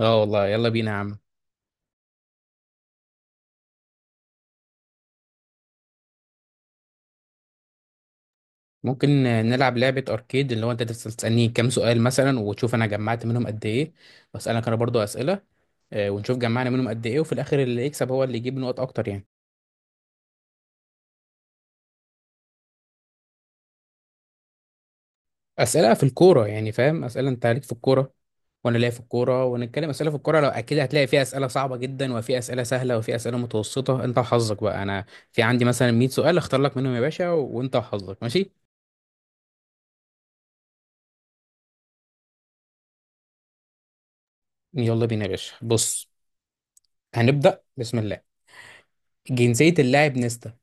اه والله يلا بينا يا عم. ممكن نلعب لعبة أركيد، اللي هو أنت تفضل تسألني كام سؤال مثلا وتشوف أنا جمعت منهم قد إيه، وأسألك أنا برضو أسئلة، ونشوف جمعنا منهم قد إيه، وفي الآخر اللي يكسب هو اللي يجيب نقط أكتر يعني. أسئلة في الكورة، يعني فاهم، أسئلة أنت ليك في الكورة وأنا ليا في الكورة، ونتكلم أسئلة في الكورة. لو أكيد هتلاقي فيها أسئلة صعبة جدا وفي أسئلة سهلة وفي أسئلة متوسطة، أنت وحظك بقى. أنا في عندي مثلا 100 سؤال أختار لك منهم يا باشا، وأنت وحظك. ماشي، يلا بينا يا باشا. بص، هنبدأ بسم الله. جنسية اللاعب نيستا؟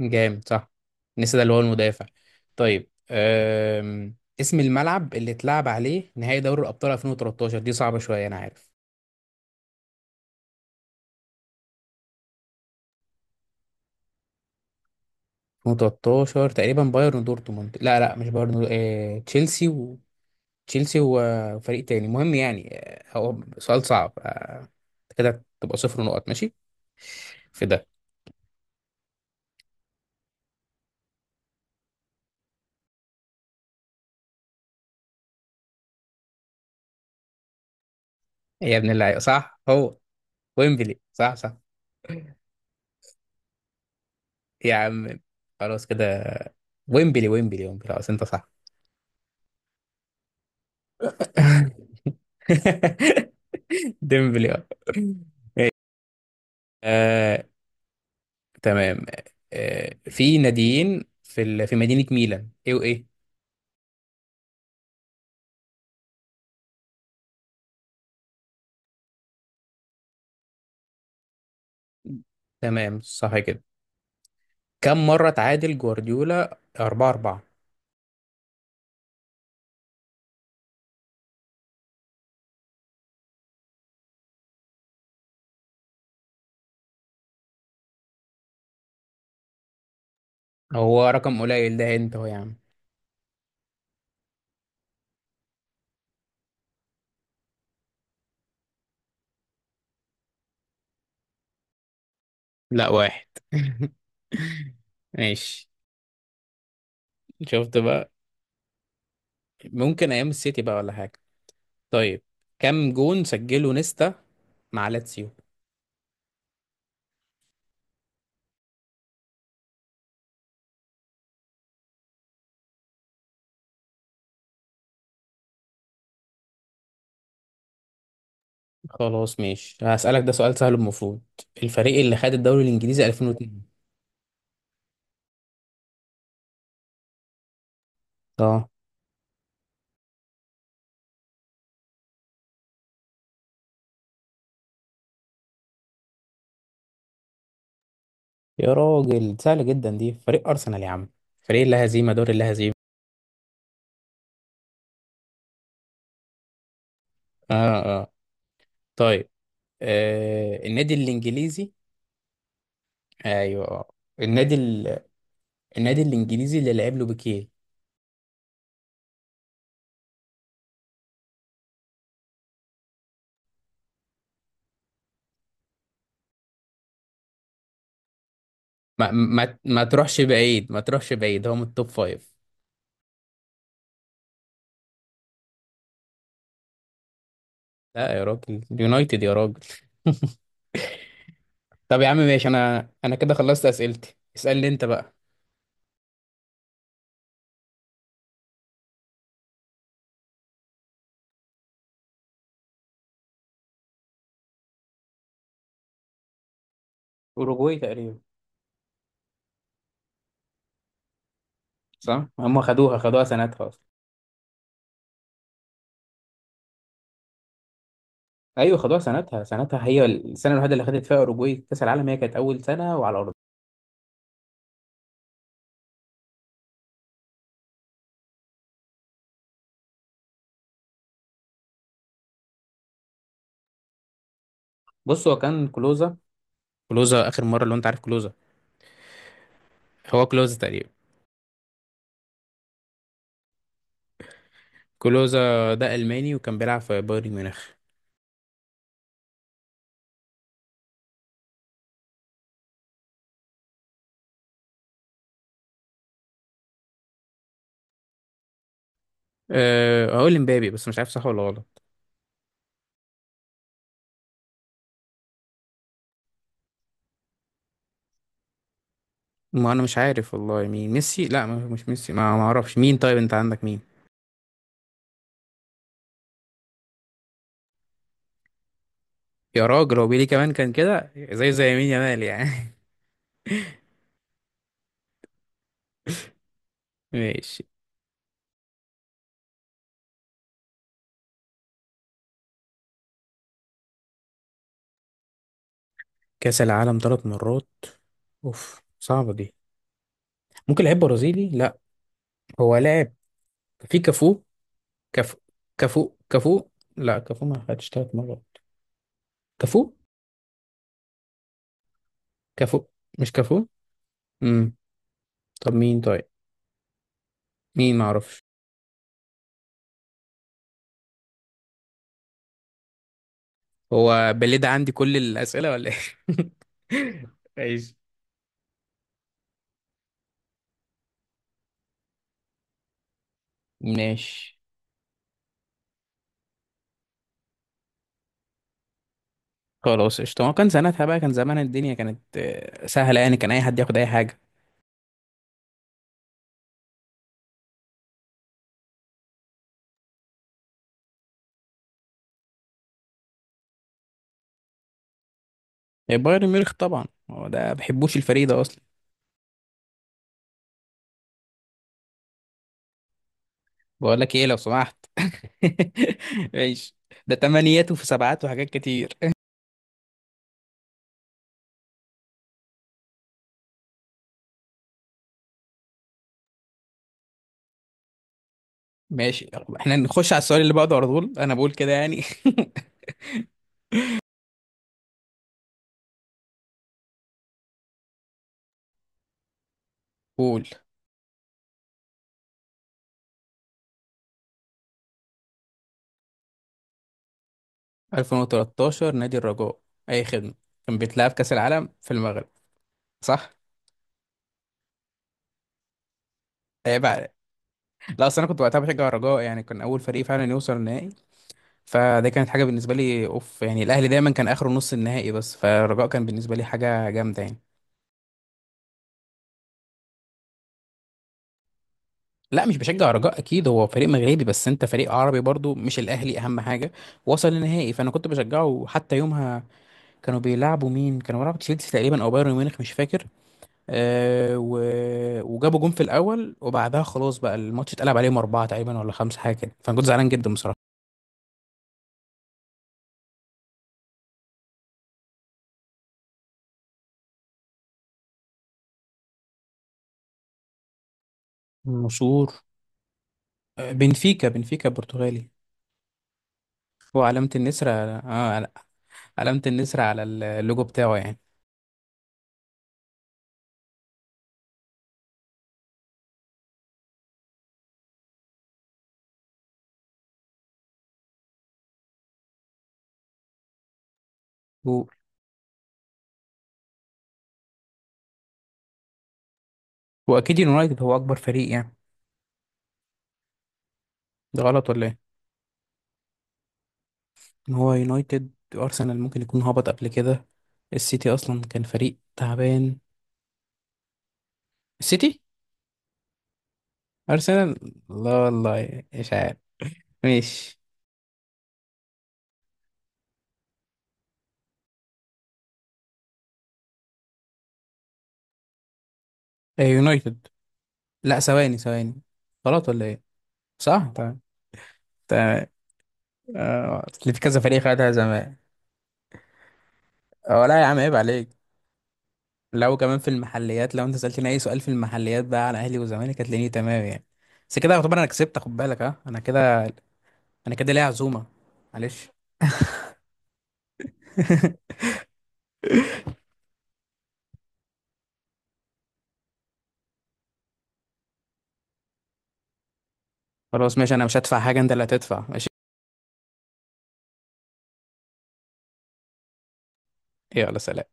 جامد، صح. نسي ده اللي هو المدافع. طيب، اسم الملعب اللي اتلعب عليه نهائي دوري الأبطال 2013؟ دي صعبة شوية أنا عارف. 2013 تقريبا بايرن ودورتموند، لا لا مش بايرن، تشيلسي و... تشيلسي وفريق تاني، المهم يعني، هو سؤال صعب. كده تبقى صفر نقط، ماشي في ده. إيه يا ابن اللعيبة، صح هو ويمبلي، صح صح. يا عم خلاص كده، ويمبلي ويمبلي ويمبلي، خلاص انت صح. ديمبلي، آه. آه، تمام. في ناديين في مدينة ميلان، ايه وايه؟ تمام، صح كده. كم مرة تعادل جوارديولا 4-4؟ هو رقم قليل ده، انت هو يا عم. لا، واحد. ماشي، شفت بقى. ممكن ايام السيتي بقى ولا حاجة. طيب، كم جون سجله نيستا مع لاتسيو؟ خلاص ماشي، هسألك ده سؤال سهل المفروض. الفريق اللي خد الدوري الانجليزي 2002؟ اه. يا راجل، سهلة جدا دي، فريق أرسنال يا عم، فريق لا هزيمة، دور لا هزيمة. اه اه. طيب، النادي الإنجليزي. أيوه، آه. النادي ال... النادي الإنجليزي اللي لعب له بيكيه. ما تروحش بعيد، ما تروحش بعيد، هو من التوب فايف. لا يا راجل، اليونايتد يا راجل. طب يا عم ماشي، أنا كده خلصت أسئلتي، اسألني أنت بقى. أوروجواي تقريبا. صح، هم خدوها، خدوها سنتها أصلا. ايوه، خدوها سنتها، سنتها هي السنه الوحيده اللي خدت فيها اوروجواي كاس العالم، هي كانت اول سنه وعلى ارضها. بص، هو كان كلوزا. كلوزا اخر مره، لو انت عارف كلوزا. هو كلوزا تقريبا. كلوزا ده الماني وكان بيلعب في بايرن ميونخ. أه، هقول مبابي بس مش عارف صح ولا غلط. ما انا مش عارف والله مين، ميسي، لا مش ميسي، ما اعرفش مين، طيب انت عندك مين؟ يا راجل، هو بيلي كمان كان كده زي يمين يامال يعني. ماشي. كاس العالم ثلاث مرات، اوف صعبه دي. ممكن لعيب برازيلي، لا هو لاعب. في كافو، كافو، كافو كافو. لا كافو ما خدش ثلاث مرات. كافو، كافو، مش كافو. امم طب مين طيب، مين معرفش. هو بليد عندي كل الأسئلة ولا ايه؟ ماشي ماشي. خلاص قشطة، ما كان سنتها بقى كان زمان، الدنيا كانت سهلة يعني، كان أي حد ياخد أي حاجة. بايرن ميونخ طبعا، هو ده ما بحبوش الفريق ده أصلا. بقول لك إيه لو سمحت. ماشي، ده تمانيات وفي سبعات وحاجات كتير. ماشي، احنا نخش على السؤال اللي بعده على طول، أنا بقول كده يعني. قول. 2013، نادي الرجاء، أي خدمة. كان بيتلعب كأس العالم في المغرب، صح؟ عيب عليك. لا، اصل انا كنت وقتها بشجع الرجاء، يعني كان اول فريق فعلا يوصل النهائي، فده كانت حاجه بالنسبه لي اوف يعني. الاهلي دايما كان اخره نص النهائي، بس فالرجاء كان بالنسبه لي حاجه جامده يعني. لا مش بشجع الرجاء، اكيد هو فريق مغربي، بس انت فريق عربي برضو، مش الاهلي اهم حاجه، وصل النهائي فانا كنت بشجعه حتى يومها. كانوا بيلعبوا مين؟ كانوا بيلعبوا تشيلسي تقريبا او بايرن ميونخ، مش فاكر. آه و... وجابوا جون في الاول، وبعدها خلاص بقى الماتش اتقلب عليهم، اربعه تقريبا ولا خمسه، حاجه كده، فانا كنت زعلان جدا بصراحه. النشور، بنفيكا. بنفيكا برتغالي، هو علامة النسر علامة النسر على اللوجو بتاعه يعني. و... واكيد اليونايتد هو اكبر فريق يعني. ده غلط ولا ايه؟ ان هو يونايتد، ارسنال ممكن يكون هبط قبل كده، السيتي اصلا كان فريق تعبان، السيتي، ارسنال. لا والله مش عارف. ماشي. يونايتد، لا ثواني ثواني. غلط ولا ايه؟ صح تمام. تمام. أصل في كذا فريق خدها زمان. آه، ولا يا عم عيب عليك. لو كمان في المحليات، لو انت سألتني اي سؤال في المحليات بقى على اهلي وزمالك، هتلاقيني تمام يعني. بس كده يعتبر انا كسبت، خد بالك، ها انا كده، انا كده ليا عزومة، معلش. خلاص ماشي، انا مش هدفع حاجة، انت اللي هتدفع. ماشي، يلا سلام.